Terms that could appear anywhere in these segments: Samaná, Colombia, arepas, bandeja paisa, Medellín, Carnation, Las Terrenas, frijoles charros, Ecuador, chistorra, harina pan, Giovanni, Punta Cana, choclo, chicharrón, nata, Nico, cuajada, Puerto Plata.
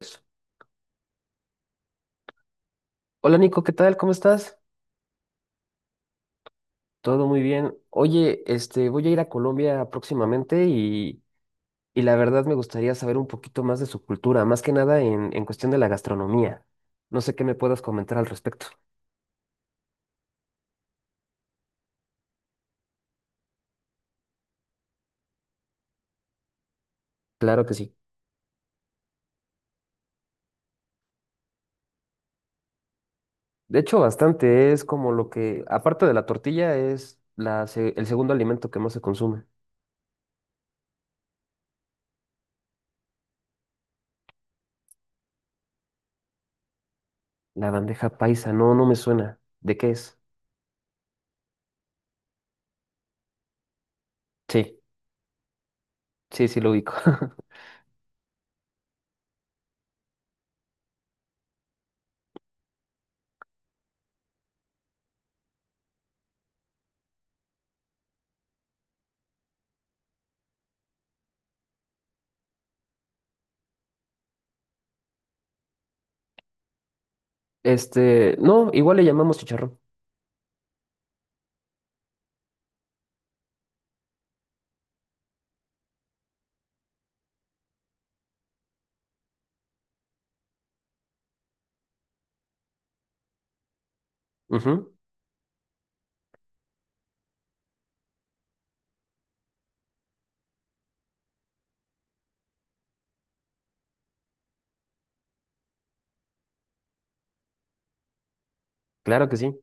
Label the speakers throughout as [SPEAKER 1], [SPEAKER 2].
[SPEAKER 1] Eso. Hola Nico, ¿qué tal? ¿Cómo estás? Todo muy bien. Oye, este, voy a ir a Colombia próximamente y la verdad me gustaría saber un poquito más de su cultura, más que nada en cuestión de la gastronomía. No sé qué me puedas comentar al respecto. Claro que sí. De hecho, bastante es como lo que, aparte de la tortilla, es el segundo alimento que más se consume. La bandeja paisa, no, no me suena. ¿De qué es? Sí, sí, sí lo ubico. Este, no, igual le llamamos chicharrón. Ujú, claro que sí.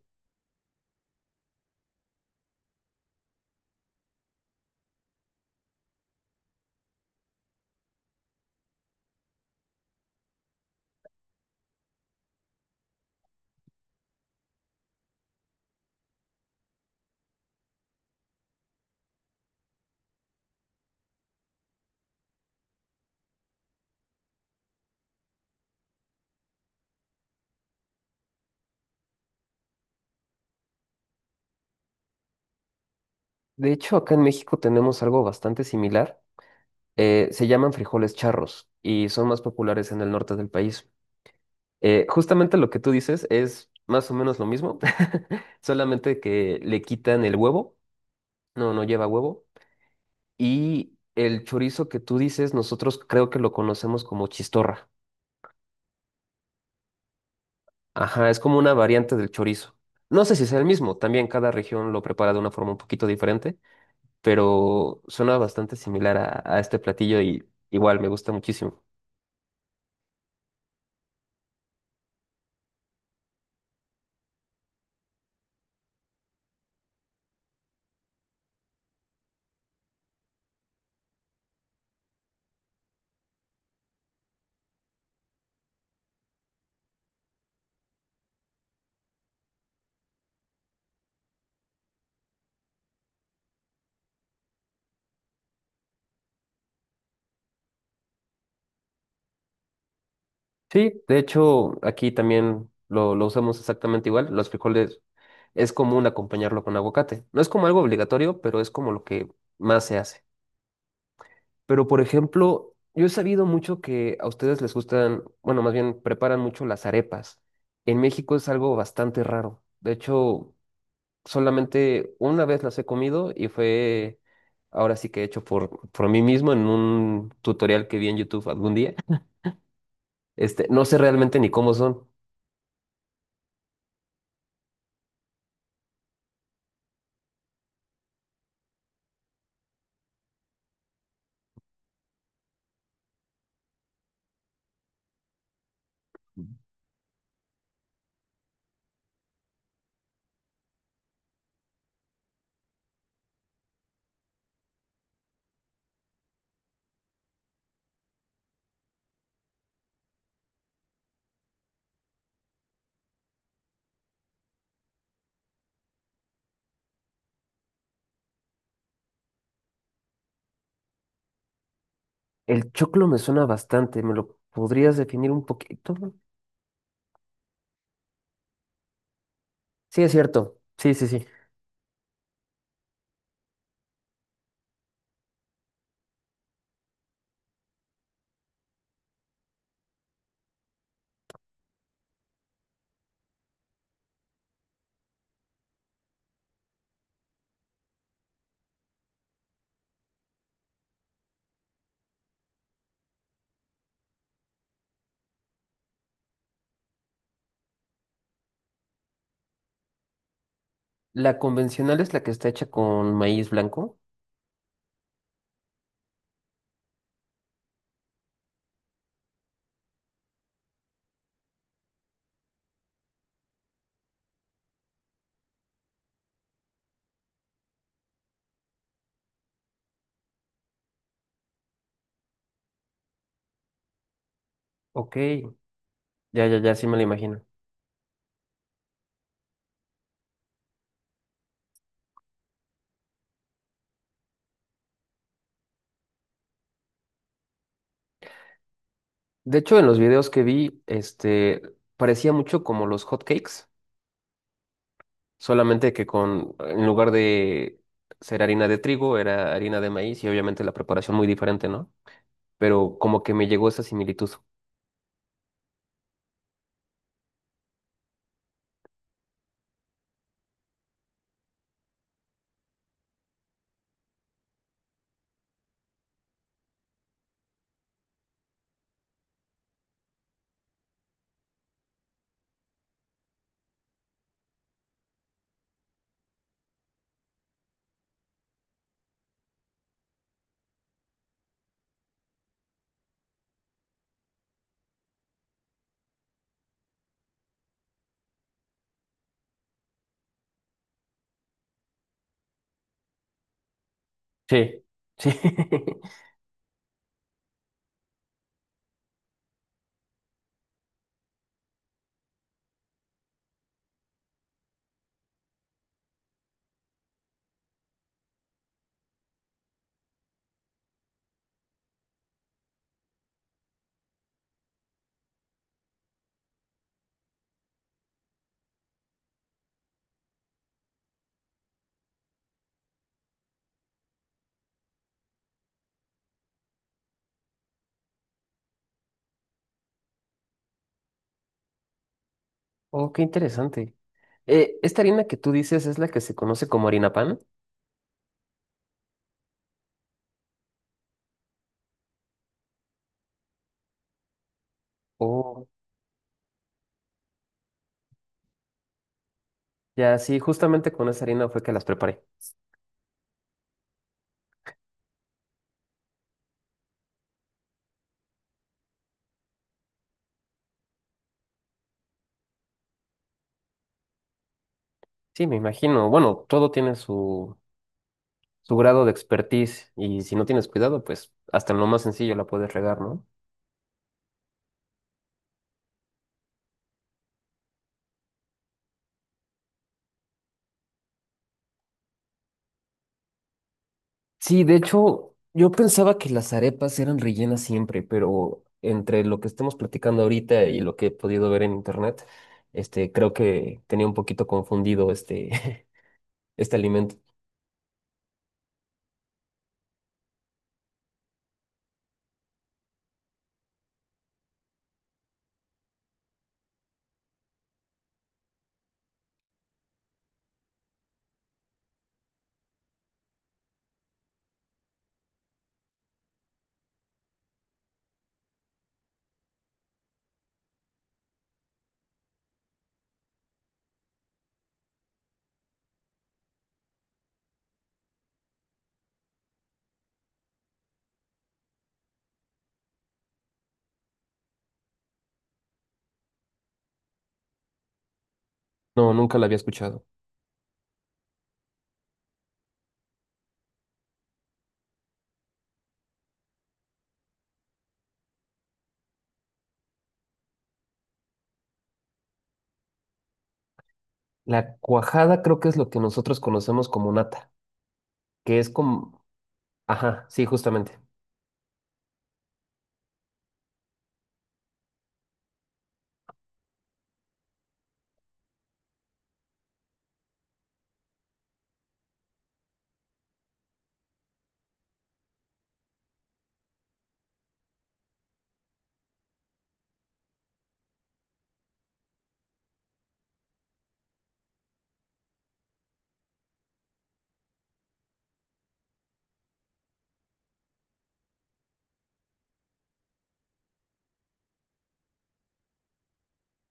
[SPEAKER 1] De hecho, acá en México tenemos algo bastante similar. Se llaman frijoles charros y son más populares en el norte del país. Justamente lo que tú dices es más o menos lo mismo, solamente que le quitan el huevo, no, no lleva huevo. Y el chorizo que tú dices, nosotros creo que lo conocemos como chistorra. Ajá, es como una variante del chorizo. No sé si sea el mismo, también cada región lo prepara de una forma un poquito diferente, pero suena bastante similar a este platillo y igual me gusta muchísimo. Sí, de hecho, aquí también lo usamos exactamente igual. Los frijoles es común acompañarlo con aguacate. No es como algo obligatorio, pero es como lo que más se hace. Pero, por ejemplo, yo he sabido mucho que a ustedes les gustan, bueno, más bien preparan mucho las arepas. En México es algo bastante raro. De hecho, solamente una vez las he comido y fue ahora sí que hecho por mí mismo en un tutorial que vi en YouTube algún día. Este, no sé realmente ni cómo son. El choclo me suena bastante, ¿me lo podrías definir un poquito? Sí, es cierto. Sí, sí, sí. La convencional es la que está hecha con maíz blanco. Ok, ya, ya, ya, sí me la imagino. De hecho, en los videos que vi, este, parecía mucho como los hot cakes, solamente que con, en lugar de ser harina de trigo, era harina de maíz y obviamente la preparación muy diferente, ¿no? Pero como que me llegó esa similitud. Sí, sí. Oh, qué interesante. ¿Esta harina que tú dices es la que se conoce como harina pan? Oh, ya, sí, justamente con esa harina fue que las preparé. Sí, me imagino. Bueno, todo tiene su, su grado de expertise y si no tienes cuidado, pues hasta en lo más sencillo la puedes regar, ¿no? Sí, de hecho, yo pensaba que las arepas eran rellenas siempre, pero entre lo que estamos platicando ahorita y lo que he podido ver en internet, este, creo que tenía un poquito confundido este, este alimento. No, nunca la había escuchado. La cuajada creo que es lo que nosotros conocemos como nata, que es como... Ajá, sí, justamente.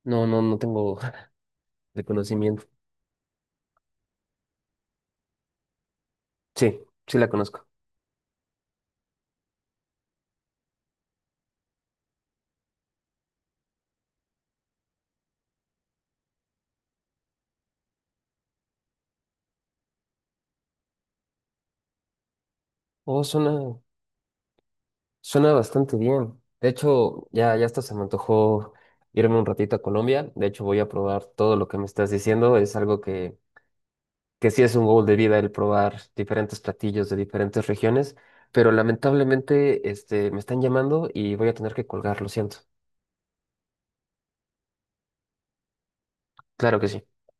[SPEAKER 1] No, no, no tengo reconocimiento. Sí, sí la conozco. Oh, suena, suena bastante bien. De hecho, ya, ya hasta se me antojó irme un ratito a Colombia. De hecho, voy a probar todo lo que me estás diciendo. Es algo que sí es un goal de vida el probar diferentes platillos de diferentes regiones. Pero lamentablemente, este, me están llamando y voy a tener que colgar, lo siento. Claro que sí.